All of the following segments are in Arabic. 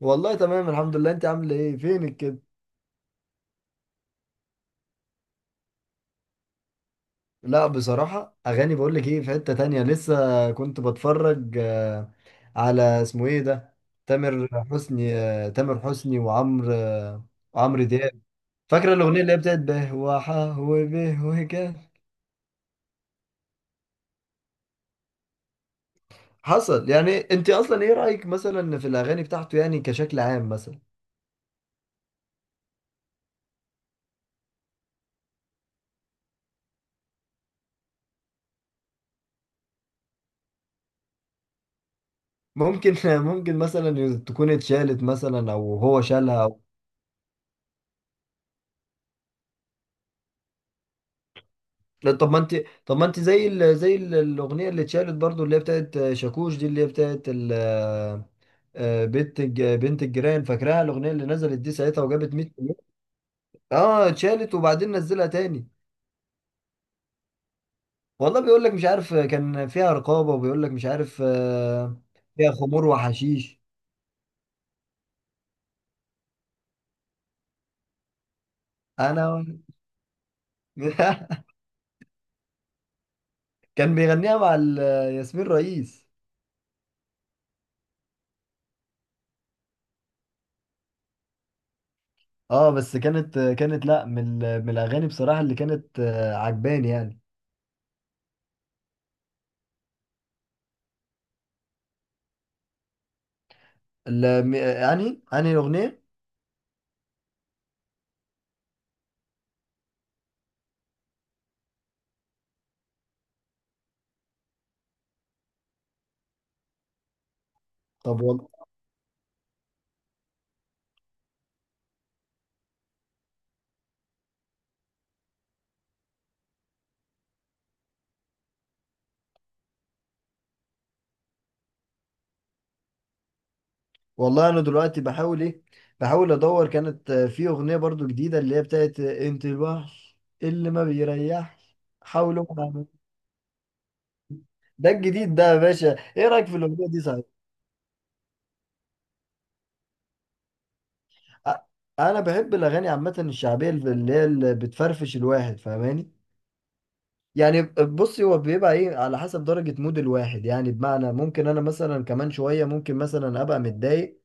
والله تمام، الحمد لله. انت عامل ايه فينك كده؟ لا بصراحة اغاني، بقول لك ايه، في حتة تانية لسه كنت بتفرج. على اسمه ايه ده؟ تامر حسني، وعمرو، وعمرو دياب. فاكرة الاغنية اللي هي بتاعت به وحا وبه وكا؟ حصل. يعني انت اصلا ايه رأيك مثلا في الاغاني بتاعته يعني كشكل عام مثلا؟ ممكن ممكن مثلا تكون اتشالت مثلا او هو شالها. لا، طب ما انت، طب ما انت زي الاغنيه اللي اتشالت برضو، اللي هي بتاعت شاكوش دي، اللي هي بتاعت ال... آه، بنت الجيران. فاكراها الاغنيه اللي نزلت دي ساعتها وجابت 100 مليون. اه اتشالت وبعدين نزلها تاني. والله بيقول لك مش عارف، كان فيها رقابه، وبيقول لك مش عارف. فيها خمور وحشيش. انا كان بيغنيها مع ياسمين رئيس. اه، بس كانت، لا، من من الاغاني بصراحه اللي كانت عجباني يعني. يعني الاغنيه. طب والله انا دلوقتي بحاول ايه، بحاول ادور، كانت في اغنيه برضو جديده، اللي هي بتاعت انت الوحش اللي ما بيريحش، حاولوا ده الجديد ده يا باشا. ايه رايك في الاغنيه دي صحيح؟ أ- انا بحب الاغاني عامه الشعبيه، اللي هي اللي بتفرفش الواحد، فاهماني؟ يعني بصي، هو بيبقى ايه على حسب درجة مود الواحد. يعني بمعنى ممكن انا مثلا كمان شوية ممكن مثلا ابقى متضايق.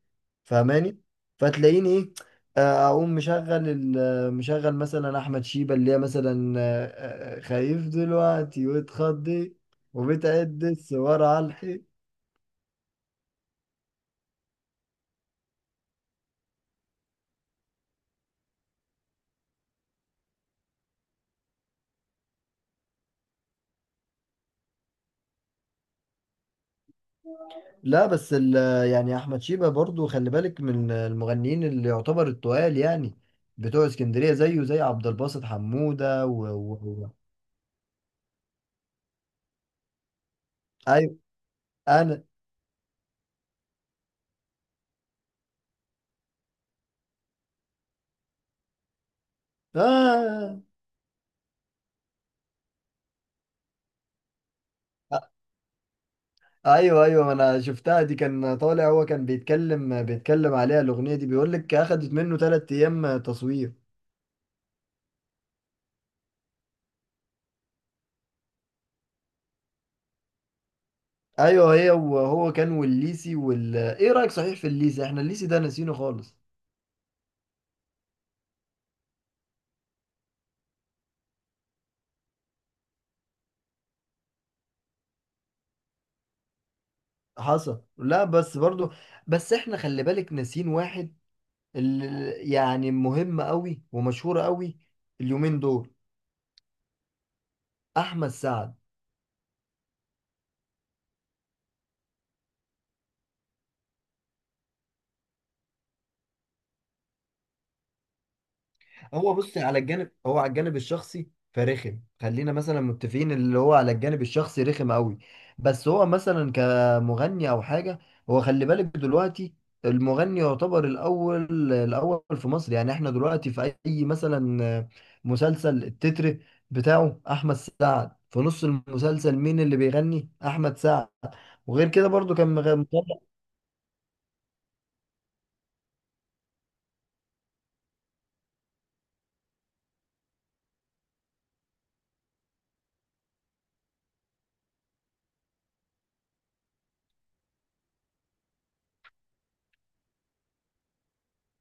فاهماني؟ فتلاقيني ايه؟ اقوم مشغل مشغل مثلا احمد شيبة، اللي هي مثلا خايف دلوقتي واتخضي، وبتعد الصور على الحيط. لا بس يعني احمد شيبة برضو، خلي بالك، من المغنيين اللي يعتبر التقال يعني بتوع اسكندرية، زيه زي عبد الباسط حمودة ايوه، انا، آه، أيوه، أيوه. ما أنا شفتها دي، كان طالع، هو كان بيتكلم عليها الأغنية دي، بيقول لك أخدت منه 3 أيام تصوير. أيوه، هي، وهو كان والليسي وال إيه رأيك صحيح في الليسي؟ إحنا الليسي ده ناسينه خالص. حصل. لا بس برضو، بس إحنا خلي بالك ناسين واحد، اللي يعني مهم أوي ومشهور أوي اليومين دول. أحمد سعد. هو بص، على الجانب، هو على الجانب الشخصي فرخم. خلينا مثلا متفقين، اللي هو على الجانب الشخصي رخم قوي. بس هو مثلا كمغني او حاجه، هو خلي بالك دلوقتي المغني يعتبر الاول في مصر. يعني احنا دلوقتي في اي مثلا مسلسل، التتر بتاعه احمد سعد، في نص المسلسل مين اللي بيغني؟ احمد سعد. وغير كده برضو كان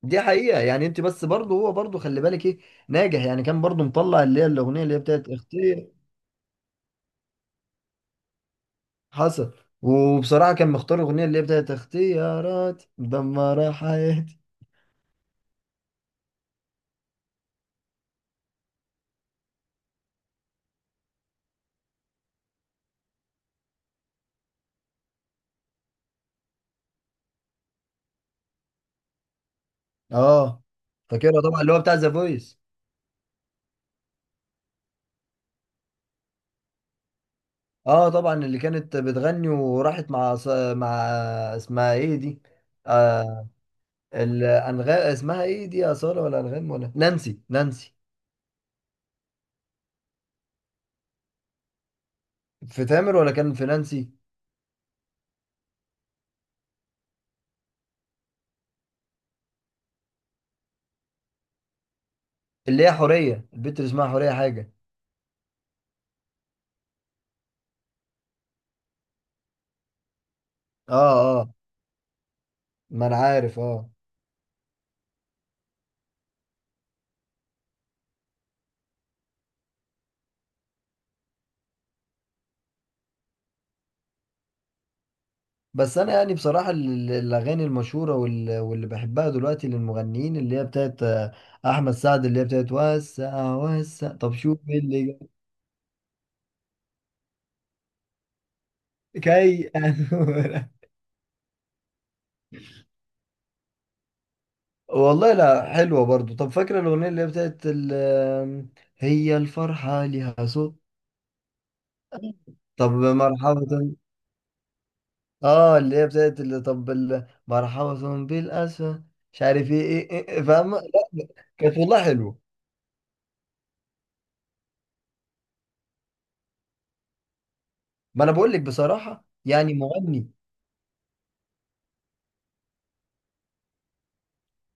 دي حقيقة. يعني انت بس برضه، هو برضه، خلي بالك ايه، ناجح. يعني كان برضه مطلع اللي هي الاغنية، اللي هي بتاعت اختي. حصل. وبصراحة كان مختار الاغنية اللي هي بتاعت اختيارات مدمرة حياتي. اه فاكرها طبعا، اللي هو بتاع ذا فويس. اه طبعا، اللي كانت بتغني وراحت مع مع اسمها ايه دي؟ آه الانغام، اسمها ايه دي؟ اصالة ولا انغام ولا نانسي؟ نانسي. في تامر ولا كان في نانسي؟ اللي هي حورية البت، اللي اسمها حورية حاجة. اه، اه، ما انا عارف، اه. بس انا يعني بصراحه الاغاني المشهوره واللي بحبها دلوقتي للمغنيين، اللي هي بتاعت احمد سعد، اللي هي بتاعت وسع وسع. طب شوف إيه اللي كي والله لا حلوه برضو. طب فاكره الاغنيه اللي هي بتاعت ال- آم، هي الفرحه ليها صوت. طب مرحبا، اه، اللي هي بتاعت، اللي طب مرحبا بالاسفل مش عارف ايه، ايه، فاهمه؟ لا، كانت والله حلوه. ما انا بقول لك بصراحه يعني مغني.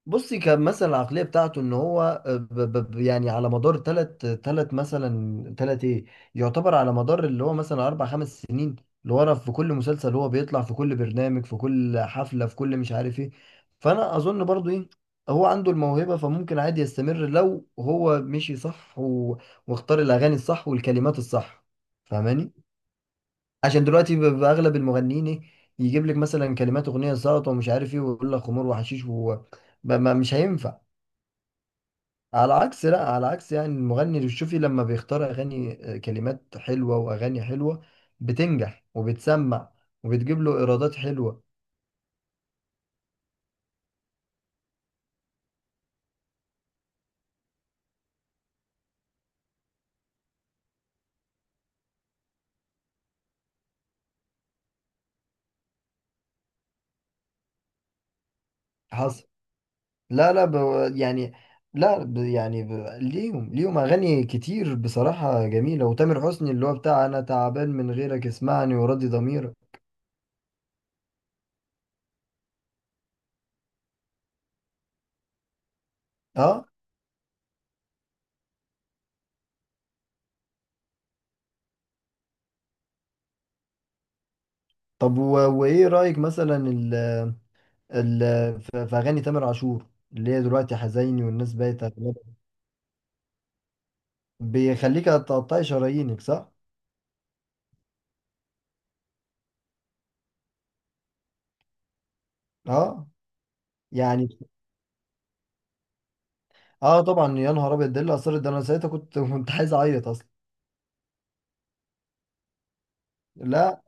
بصي كان مثلا العقلية بتاعته ان هو، يعني على مدار تلت ايه، يعتبر على مدار اللي هو مثلا اربع خمس سنين اللي ورا، في كل مسلسل هو بيطلع، في كل برنامج، في كل حفلة، في كل مش عارف ايه. فانا اظن برضو ايه، هو عنده الموهبة فممكن عادي يستمر لو هو مشي صح واختار الاغاني الصح والكلمات الصح. فاهماني؟ عشان دلوقتي باغلب المغنيين ايه، يجيب لك مثلا كلمات اغنية ساقطة ومش عارف ايه، ويقول لك خمور وحشيش و... ما ما- مش هينفع. على عكس، لا، على عكس يعني المغني، اللي شوفي لما بيختار اغاني كلمات حلوه واغاني حلوه، بتنجح وبتسمع وبتجيب له ايرادات حلوه. حصل. لا، يعني لا ب... يعني ب... ليهم، اغاني كتير بصراحه جميله، وتامر حسني اللي هو بتاع انا تعبان من غيرك، اسمعني وراضي ضميرك. اه، طب وايه رايك مثلا ال... في اغاني تامر عاشور، اللي هي دلوقتي حزيني والناس بقت بيخليك تقطعي شرايينك، صح؟ اه، يعني، اه طبعا. يا نهار ابيض، ده اللي اثرت ده، انا ساعتها كنت كنت عايز اعيط اصلا. لا،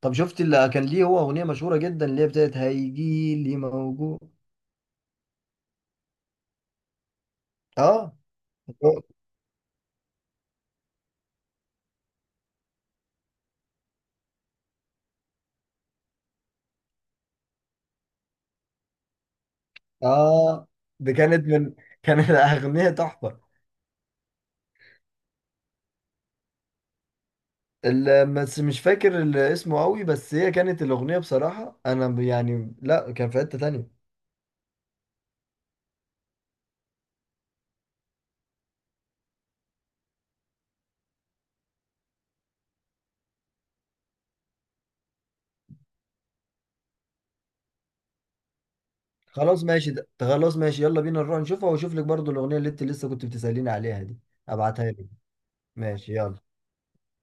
طب شفت اللي كان ليه هو اغنيه مشهوره جدا، اللي هي بتاعت هيجي لي موجود. اه اه، دي كانت من، كانت اغنيه تحفه. بس مش فاكر اسمه قوي، بس هي كانت الاغنيه بصراحه، انا يعني لا، كان في حته تانية. خلاص ماشي، ده خلاص ماشي، يلا بينا نروح نشوفها، واشوف لك برضو الاغنيه اللي انت لسه كنت بتساليني عليها دي، ابعتها لك. ماشي يلا.